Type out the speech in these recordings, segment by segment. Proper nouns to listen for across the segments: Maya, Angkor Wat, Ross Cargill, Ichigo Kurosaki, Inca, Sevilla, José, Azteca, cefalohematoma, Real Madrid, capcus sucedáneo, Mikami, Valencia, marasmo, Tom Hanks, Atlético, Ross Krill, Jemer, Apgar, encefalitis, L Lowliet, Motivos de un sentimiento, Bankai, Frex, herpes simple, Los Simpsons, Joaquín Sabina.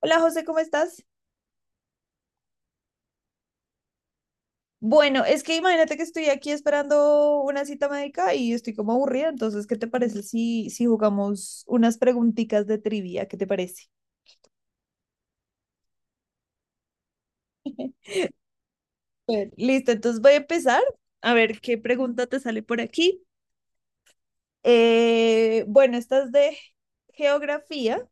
Hola José, ¿cómo estás? Bueno, es que imagínate que estoy aquí esperando una cita médica y estoy como aburrida, entonces, ¿qué te parece si jugamos unas preguntitas de trivia? ¿Qué te parece? Súper. Listo, entonces voy a empezar a ver qué pregunta te sale por aquí. Bueno, esta es de geografía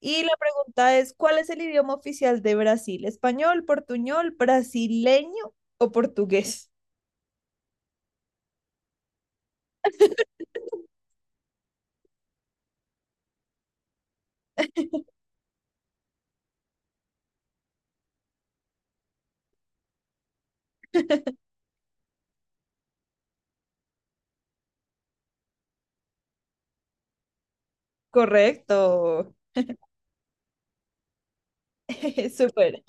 y la pregunta es, ¿cuál es el idioma oficial de Brasil? ¿Español, portuñol, brasileño o portugués? Correcto. Súper.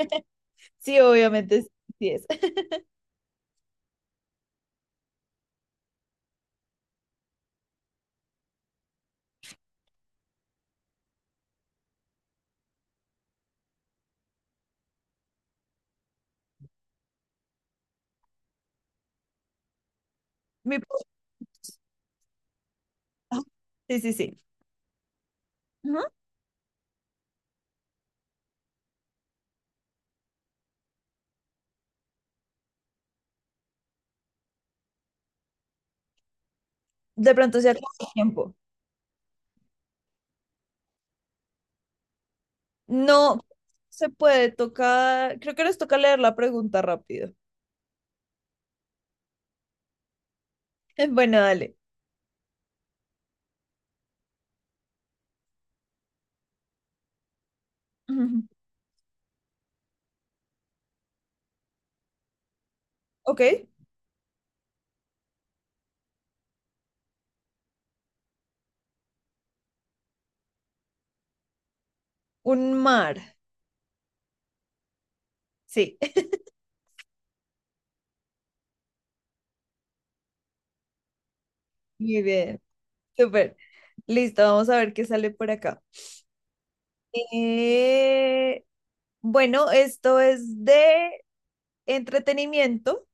Sí, obviamente sí es. Mi pro- Sí, sí, sí. Ujú. De pronto se acaba el tiempo. No se puede tocar. Creo que nos toca leer la pregunta rápido. Bueno, dale. Ujú. Ok. Un mar. Sí. Muy bien. Súper. Listo. Vamos a ver qué sale por acá. Eh, bueno, esto es de entretenimiento.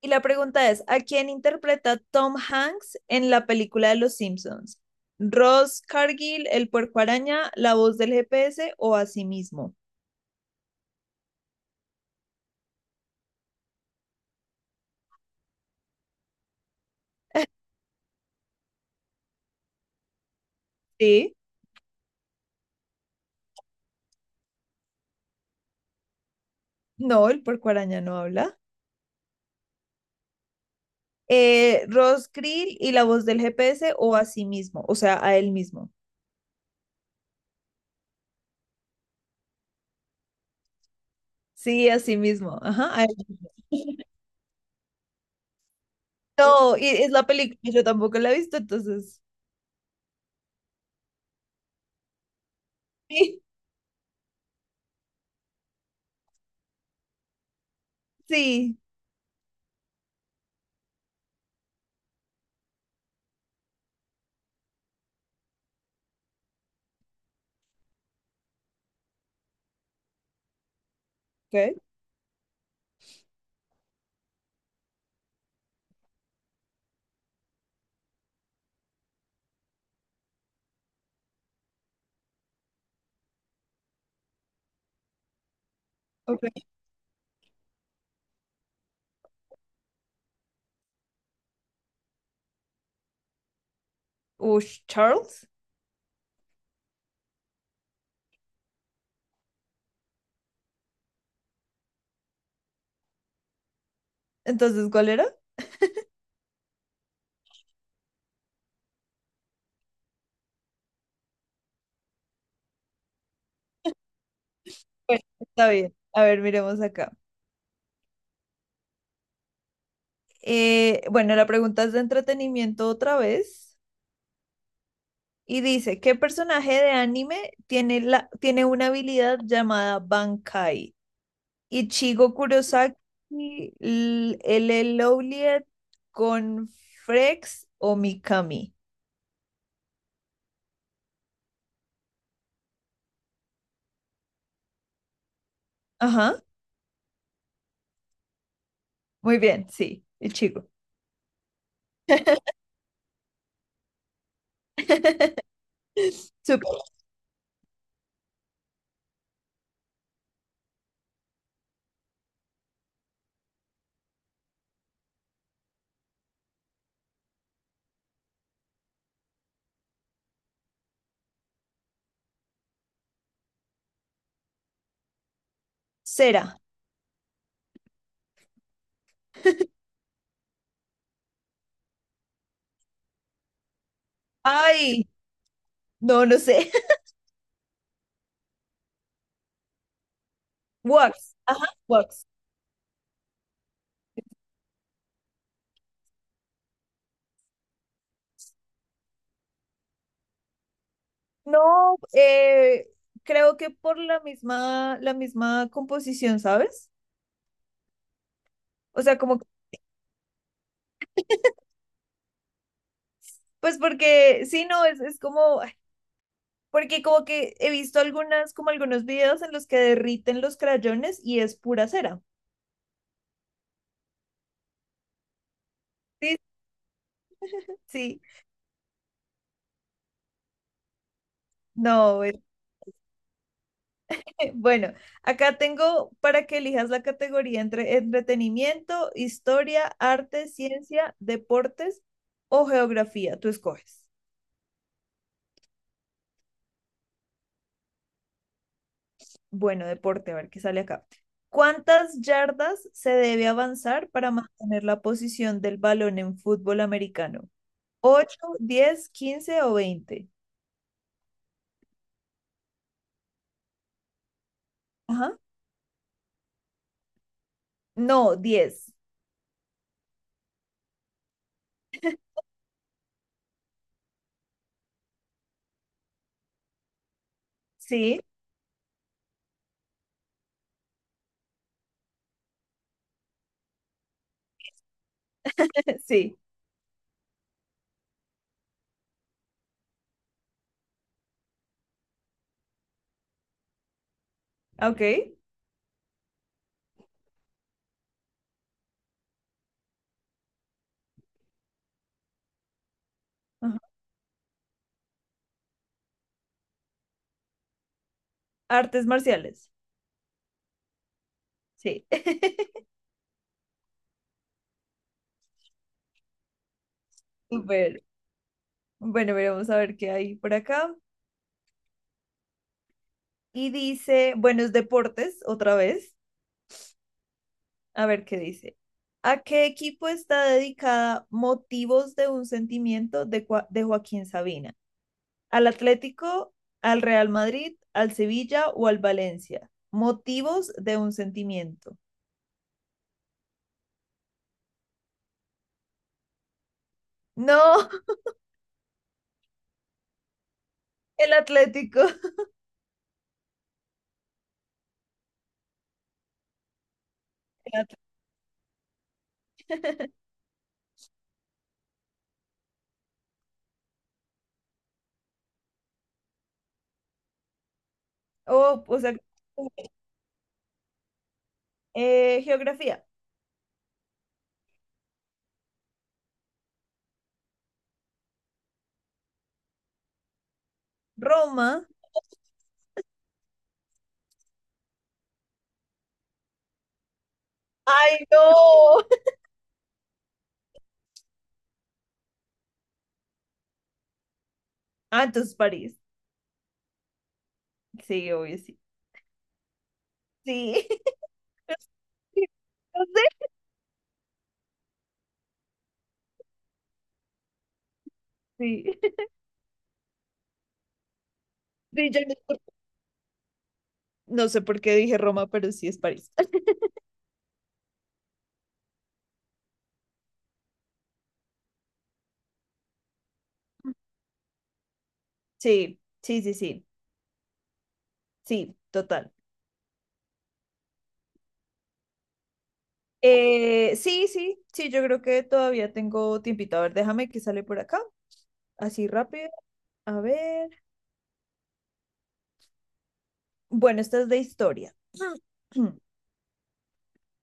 Y la pregunta es, ¿a quién interpreta Tom Hanks en la película de Los Simpsons? ¿Ross Cargill, el puerco araña, la voz del GPS o a sí mismo? Sí, no, el puerco araña no habla. Ross Krill y la voz del GPS o a sí mismo, o sea, a él mismo. Sí, a sí mismo. Ajá, a él mismo. No, y es la película, yo tampoco la he visto, entonces. Sí, sí. Ok, ok. Ush, Charles. Entonces, ¿cuál era? Bueno, está bien. A ver, miremos acá. Bueno, la pregunta es de entretenimiento otra vez y dice, ¿qué personaje de anime tiene una habilidad llamada Bankai? Ichigo Kurosaki, LL Lowliet, con Frex o Mikami. Ajá, muy bien, sí, Ichigo. Súper. Cera. Ay, no, no sé. Wax. Ajá, Wax. No, creo que por la misma composición, ¿sabes? O sea, como, que- pues porque, sí, no, es como, ay, porque como que he visto algunas, como algunos videos en los que derriten los crayones y es pura cera. Sí, sí, no, es- bueno, acá tengo para que elijas la categoría entre entretenimiento, historia, arte, ciencia, deportes o geografía, tú escoges. Bueno, deporte, a ver qué sale acá. ¿Cuántas yardas se debe avanzar para mantener la posición del balón en fútbol americano? 8, 10, 15 o 20. Ajá. No, 10. Sí, sí. Ok. Ajá. Artes marciales. Sí. Súper. Bueno, veremos a ver qué hay por acá. Y dice, bueno, es deportes, otra vez. A ver qué dice. ¿A qué equipo está dedicada Motivos de un sentimiento de, de Joaquín Sabina? ¿Al Atlético, al Real Madrid, al Sevilla o al Valencia? Motivos de un sentimiento. No, el Atlético. El Atl- Oh, o sea, geografía. Roma. Ay, no. Ah, entonces París. Sí, obvio, sí. Sí. Sí. Sí. Sí, yo no No sé por qué dije Roma, pero sí es París. Sí, sí, sí, sí, sí, total. Sí, sí, sí, yo creo que todavía tengo tiempito. A ver, déjame que sale por acá, así rápido. A ver. Bueno, esta es de historia.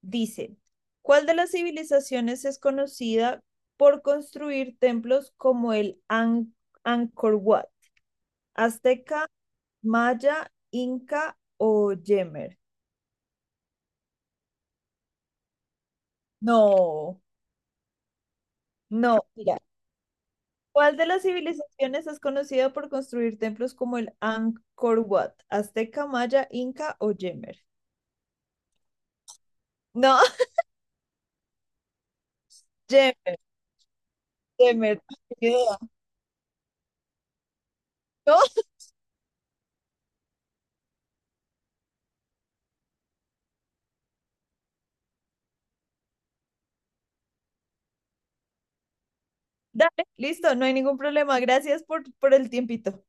Dice, ¿cuál de las civilizaciones es conocida por construir templos como Angkor Wat? ¿Azteca, Maya, Inca o Yemer? No, no, mira. ¿Cuál de las civilizaciones es conocida por construir templos como el Angkor Wat? ¿Azteca, Maya, Inca o Jemer? No, Jemer. Yemer, ni idea. No, dale, listo, no hay ningún problema. Gracias por el tiempito.